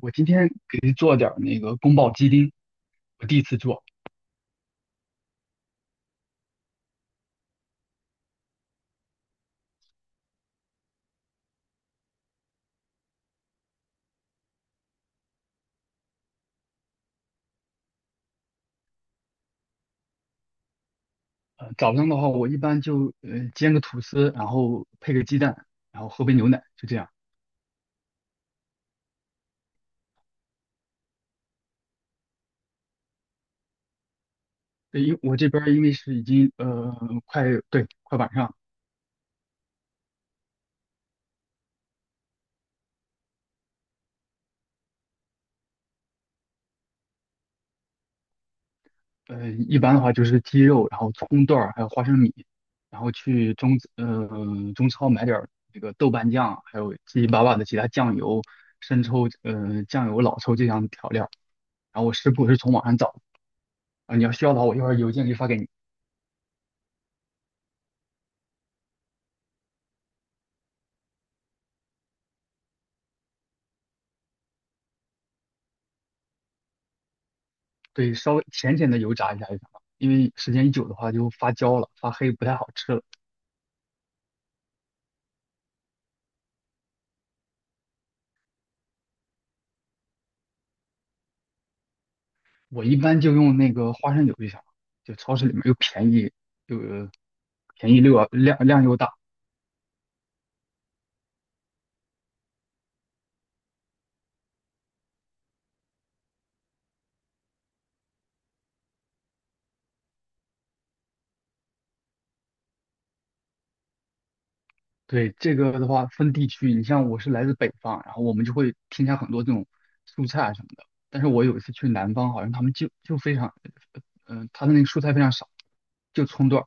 我今天给做点儿那个宫保鸡丁，我第一次做。早上的话，我一般就煎个吐司，然后配个鸡蛋，然后喝杯牛奶，就这样。因我这边儿因为是已经快晚上，一般的话就是鸡肉，然后葱段儿，还有花生米，然后去中超买点儿那个豆瓣酱，还有七七八八的其他酱油、生抽、酱油、老抽这样的调料。然后我食谱是从网上找的啊，你要需要的话，我一会儿邮件可以发给你。对，稍微浅浅的油炸一下就行了，因为时间一久的话就发焦了，发黑不太好吃了。我一般就用那个花生油就行了，就超市里面又便宜又便宜又要量又大。对，这个的话分地区，你像我是来自北方，然后我们就会添加很多这种蔬菜啊什么的。但是我有一次去南方，好像他们就非常，他的那个蔬菜非常少，就葱段。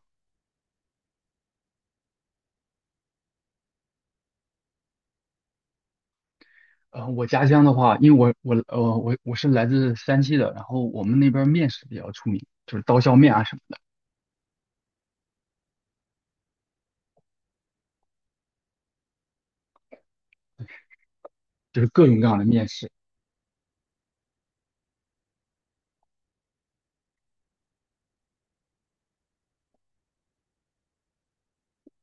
我家乡的话，因为我是来自山西的，然后我们那边儿面食比较出名，就是刀削面啊什么的，就是各种各样的面食。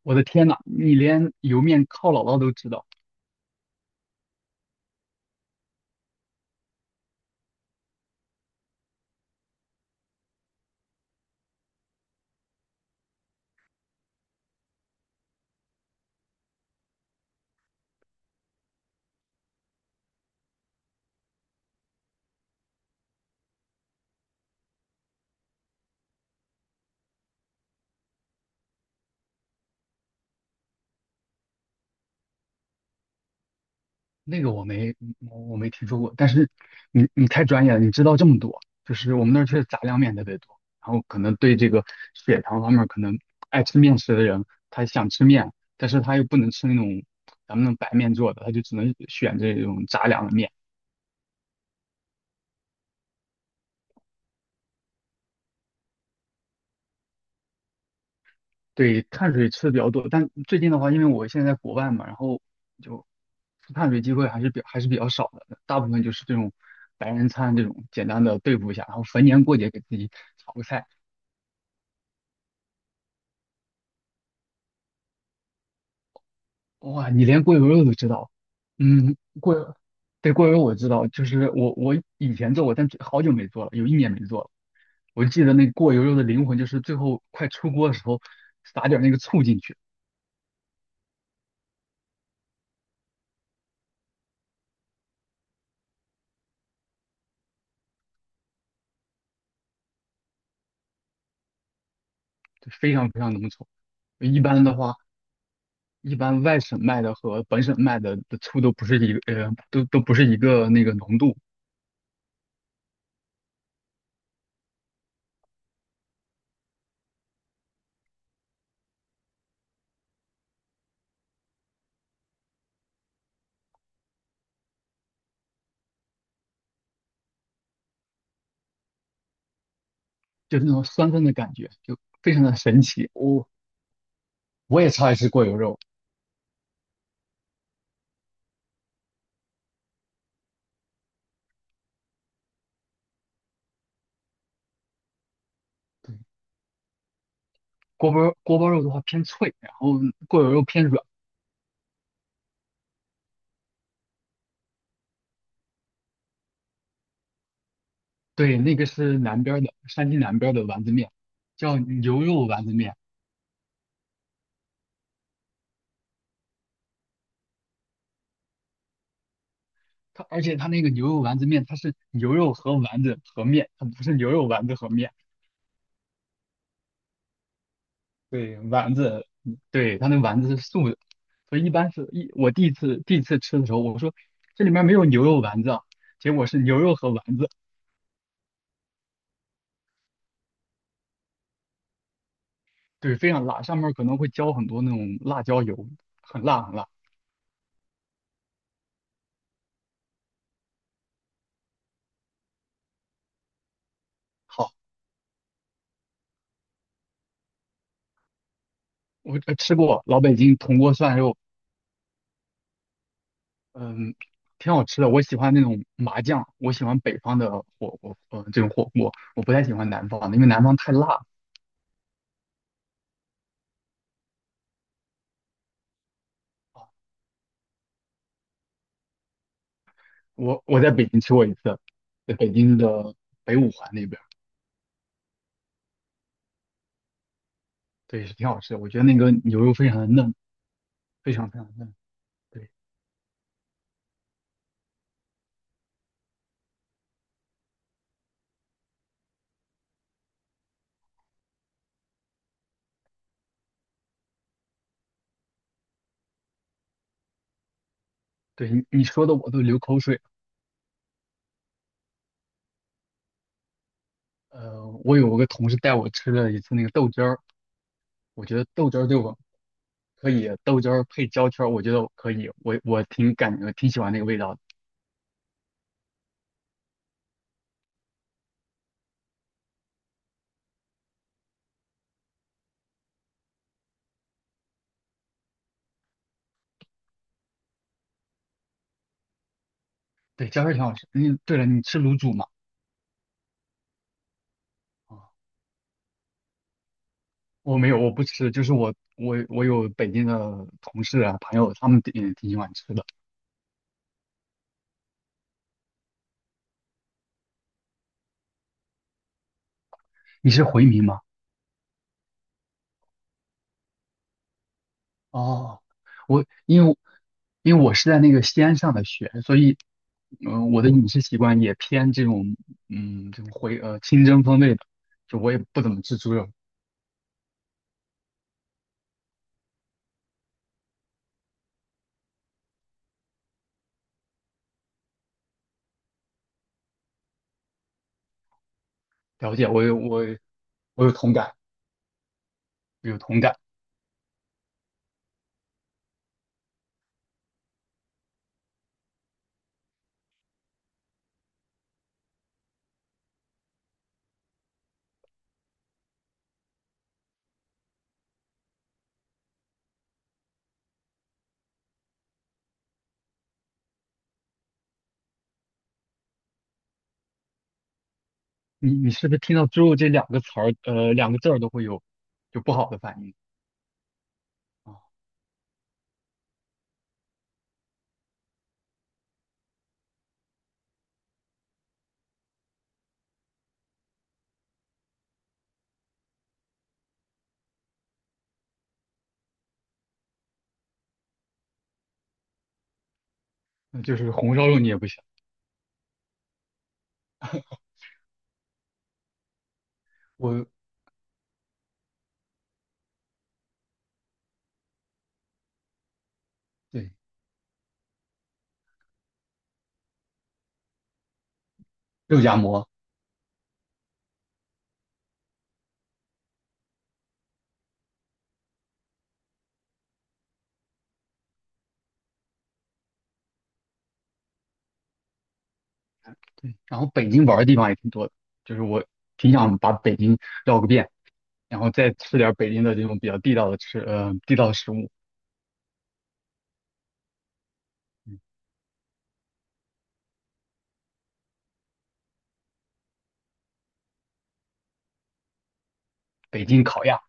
我的天呐，你连油面靠姥姥都知道，那个我没听说过。但是你你太专业了，你知道这么多，就是我们那儿确实杂粮面特别多，然后可能对这个血糖方面可能爱吃面食的人，他想吃面，但是他又不能吃那种咱们那种白面做的，他就只能选这种杂粮的面。对，碳水吃的比较多，但最近的话，因为我现在在国外嘛，然后就吃碳水机会还是比较少的，大部分就是这种白人餐这种简单的对付一下，然后逢年过节给自己炒个菜。哇，你连过油肉都知道？嗯，对，过油肉我知道，就是我以前做过，但好久没做了，有一年没做了。我记得那个过油肉的灵魂就是最后快出锅的时候撒点儿那个醋进去，就非常非常浓稠。一般的话，一般外省卖的和本省卖的的醋都不是一个，都不是一个那个浓度，就是那种酸酸的感觉，就非常的神奇。我也超爱吃过油肉。锅包肉的话偏脆，然后过油肉偏软。对，那个是南边儿的，山西南边儿的丸子面，叫牛肉丸子面。而且它那个牛肉丸子面，它是牛肉和丸子和面，它不是牛肉丸子和面。对，丸子，嗯对，它那丸子是素的，所以一般是一我第一次吃的时候，我说这里面没有牛肉丸子啊，结果是牛肉和丸子，对，非常辣，上面可能会浇很多那种辣椒油，很辣很辣。好，我吃过老北京铜锅涮肉，嗯，挺好吃的，我喜欢那种麻酱，我喜欢北方的火锅，嗯，这种火锅，我不太喜欢南方的，因为南方太辣。啊我我在北京吃过一次，在北京的北五环那边。对，是挺好吃的。我觉得那个牛肉非常的嫩，非常非常嫩。对，对你你说的我都流口水了。我有个同事带我吃了一次那个豆汁儿，我觉得豆汁儿对我可以，豆汁儿配焦圈儿，我觉得我可以，我挺感觉挺喜欢那个味道的。对，焦圈儿挺好吃。嗯，对了，你吃卤煮吗？啊，我没有，我不吃，就是我有北京的同事啊朋友，他们挺喜欢吃的。你是回民吗？哦，我因为因为我是在那个西安上的学，所以，我的饮食习惯也偏这种，嗯，这种清蒸风味的，就我也不怎么吃猪肉。了解，我有同感，我有同感。你你是不是听到"猪肉"这两个词儿，两个字儿都会有就不好的反应啊？那就是红烧肉你也不行，我对肉夹馍，对，然后北京玩儿的地方也挺多的，就是我挺想把北京绕个遍。然后再吃点儿北京的这种比较地道的地道的食物，北京烤鸭。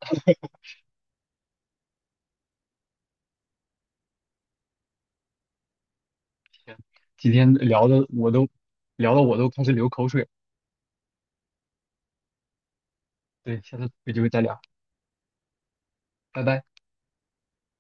天今天聊的我都聊的我都开始流口水，对，下次有机会再聊，拜拜。